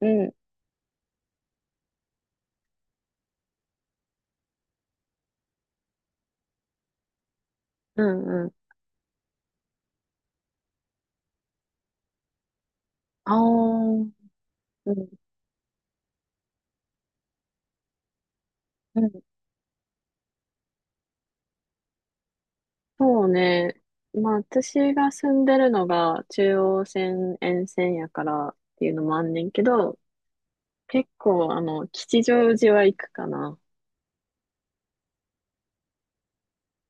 うん、うん、うん。ああ、うん、うん。そうね。まあ、私が住んでるのが中央線沿線やからっていうのもあんねんけど、結構、吉祥寺は行くかな。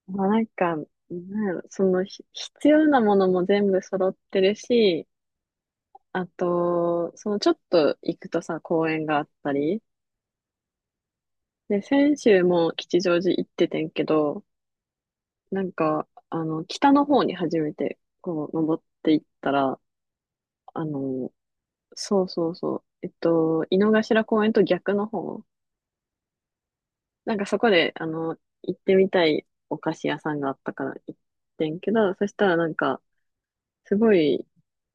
まあ、なんか、なんやろ、その、必要なものも全部揃ってるし、あと、ちょっと行くとさ、公園があったり。で、先週も吉祥寺行っててんけど、北の方に初めて、こう、登っていったら、あの、井の頭公園と逆の方、なんかそこで、行ってみたいお菓子屋さんがあったから行ってんけど、そしたらなんか、すごい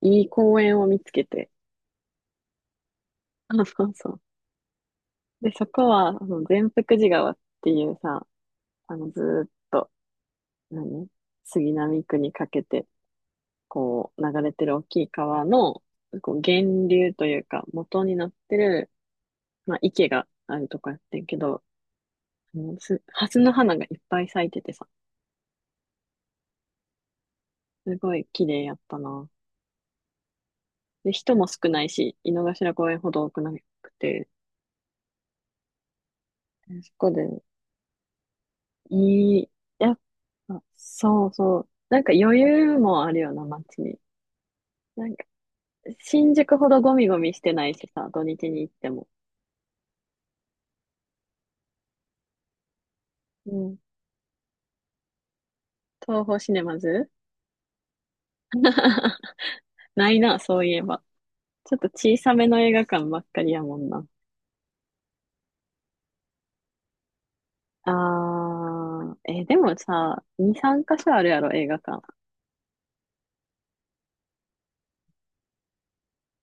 いい公園を見つけて、そうそう。で、そこは、善福寺川っていうさ、ずーっと、何杉並区にかけて、こう、流れてる大きい川の、こう、源流というか、元になってる、まあ、池があるとこやってんけど、もうす、の花がいっぱい咲いててさ、すごい綺麗やったな。で、人も少ないし、井の頭公園ほど多くなくて、そこで、いい、やっぱ、そうそう。なんか余裕もあるような、街に。なんか、新宿ほどゴミゴミしてないしさ、土日に行っても。うん。東宝シネマズ。 ないな、そういえば。ちょっと小さめの映画館ばっかりやもんな。でもさ、2、3箇所あるやろ、映画館。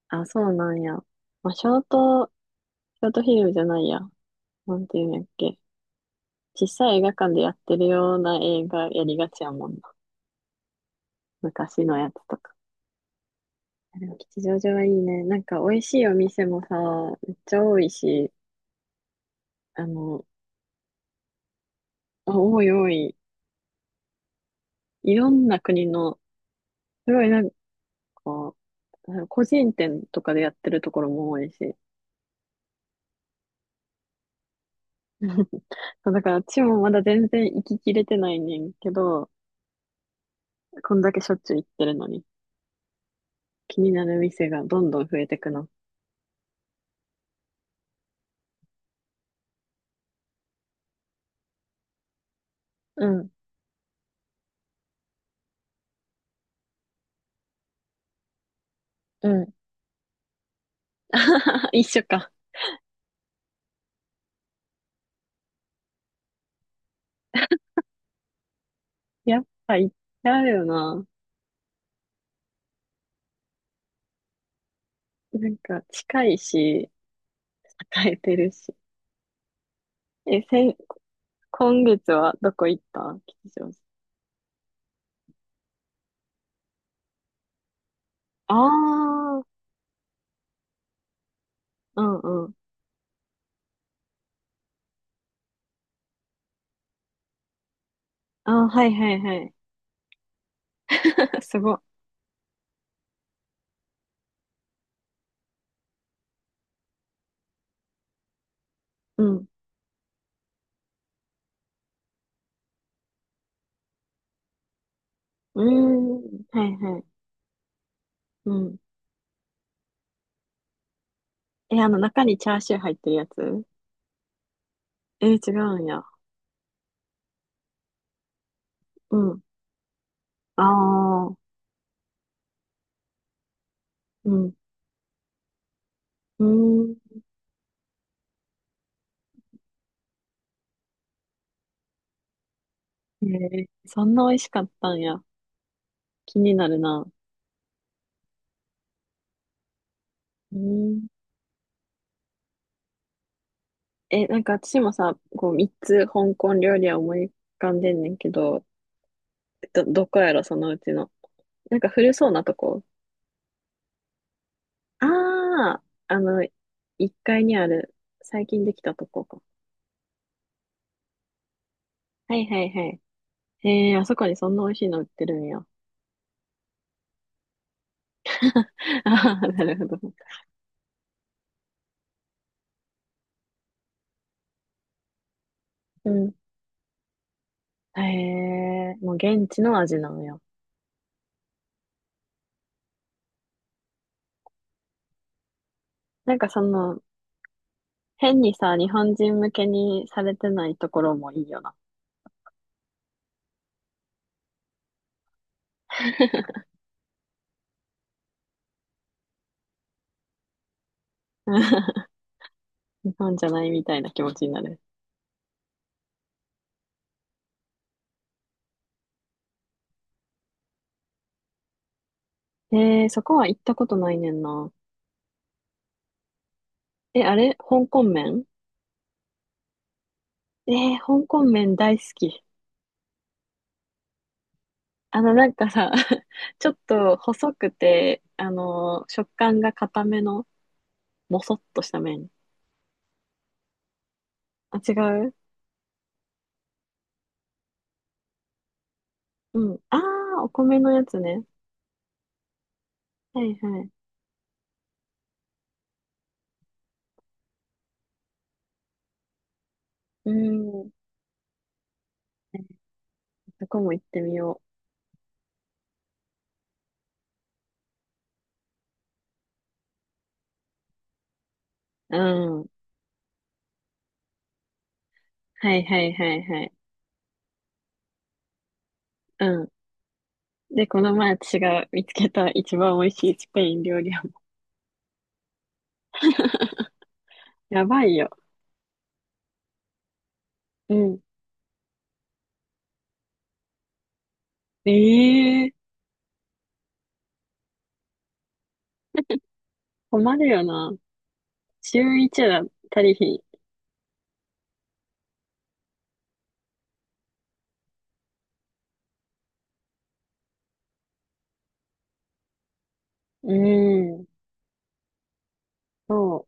あ、そうなんや。まあ、ショート、ショートフィルムじゃないや。なんていうんやっけ。小さい映画館でやってるような映画やりがちやもんな。昔のやつとか。でも吉祥寺はいいね。なんか美味しいお店もさ、めっちゃ多いし、あの、多い多い。いろんな国の、すごいなんか、個人店とかでやってるところも多いし。そうだから、ちもまだ全然行ききれてないねんけど、こんだけしょっちゅう行ってるのに、気になる店がどんどん増えてくの。うん、うん。一緒か。やっぱ行っちゃうよな。なんか、近いし、与えてるし。え、先、今月はどこ行った、吉祥寺。ああ、うんうん。ああ、はいはいはい。すごい。うん。うーん。はいはい。うん。え、あの中にチャーシュー入ってるやつ？え、違うんや。うん。ああ。うん。うん。へえ、そんな美味しかったんや。気になるな。うん。え、なんか私もさ、こう、三つ香港料理は思い浮かんでんねんけど、ど、どこやろ、そのうちの。なんか古そうなとこ。あああ、一階にある、最近できたとこか。はいはいはい。へえ、あそこにそんな美味しいの売ってるんや。ああ、なるほど。うん。へえ、もう現地の味なのよ。なんかその、変にさ、日本人向けにされてないところもいいよな。日本じゃないみたいな気持ちになる。えー、そこは行ったことないねんな。え、あれ香港麺？えー、香港麺大好き。なんかさ、ちょっと細くて、食感が固めの、もそっとした麺。あ、違う。うん。あー、お米のやつね。はいはい。うーん。そこも行ってみよう。うん。はいはいはいはい。うん。で、この前私が見つけた一番美味しいスペイン料理屋も。やばいよ。うん。ええー、困るよな。週一だったりひうん。そう。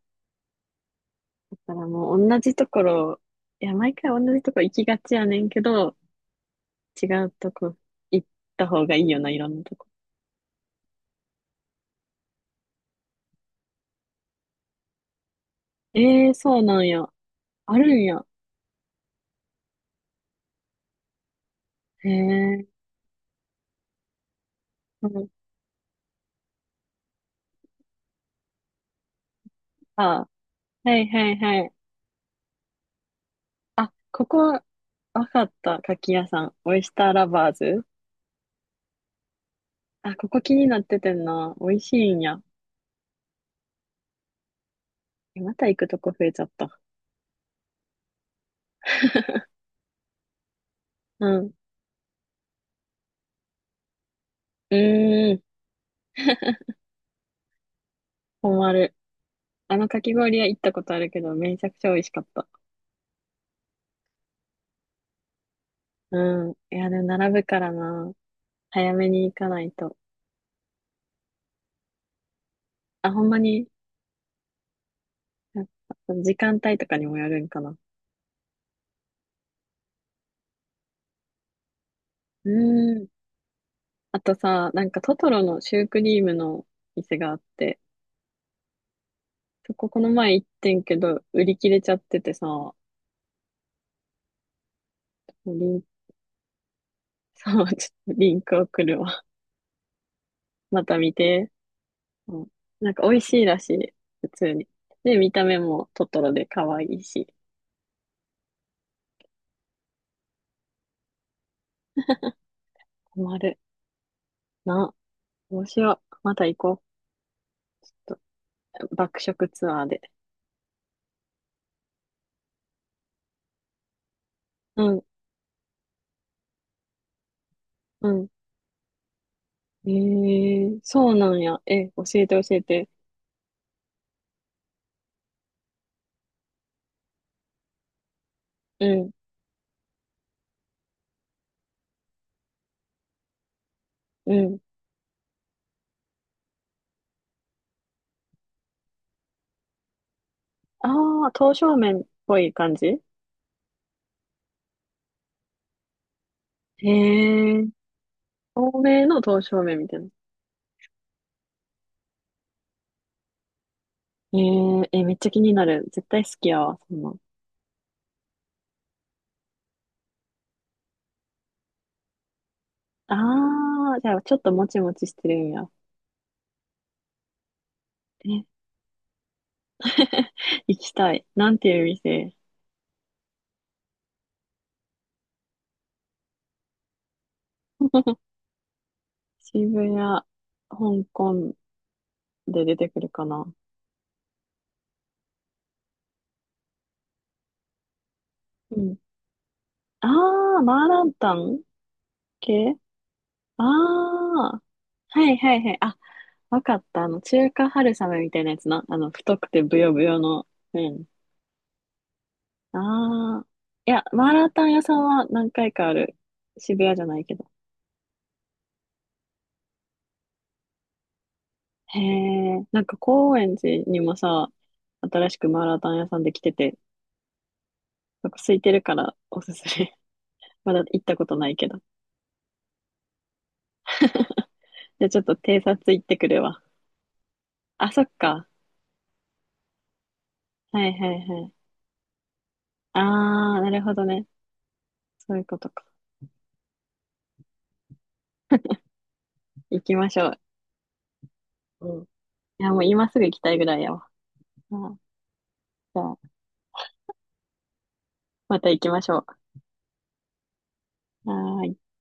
だからもう同じところ、いや、毎回同じとこ行きがちやねんけど、違うとこ行った方がいいよな、いろんなとこ。ええー、そうなんや。あるんや。へえ。うん。あ、はいはいはい。あ、ここ、わかった。牡蠣屋さん。オイスターラバーズ。あ、ここ気になっててんな。美味しいんや。え、また行くとこ増えちゃった。うん。うーん。困る。あのかき氷屋行ったことあるけど、めちゃくちゃ美味しかった。うん。いや、でも並ぶからな。早めに行かないと。あ、ほんまに、やっぱ時間帯とかにもよるんかな。うーん。あとさ、なんかトトロのシュークリームの店があって、そここの前行ってんけど、売り切れちゃっててさ、リン、さ、ちょっとリンク送るわ。また見て。うん。なんか美味しいらしい。普通に。で、見た目もトトロで可愛いし。困るな。どうしよう。また行こう。と爆食ツアーで。うん、うん。えー、そうなんや。え、教えて教えて。うん、うん。ああ、刀削麺っぽい感じ。へえー、透明の刀削麺みたいな。えー、え、めっちゃ気になる。絶対好きやわ、そんなん。ああ、じゃあちょっともちもちしてるんや。え、行きたい。なんていう店？渋谷、香港で出てくるかな。うん。あー、マーランタン系。あー、はいはいはい。あ、わかった。中華春雨みたいなやつな。太くてブヨブヨの麺。あー。いや、マーランタン屋さんは何回かある。渋谷じゃないけど。へえ、なんか高円寺にもさ、新しくマーラータン屋さんできてて、なんか空いてるからおすすめ。まだ行ったことないけど。じゃあちょっと偵察行ってくるわ。あ、そっか。はいはいはい。ああ、なるほどね。そういうことか。行きましょう。うん。いや、もう今すぐ行きたいぐらいやわ。うん。じゃあ、また行きましょう。はーい。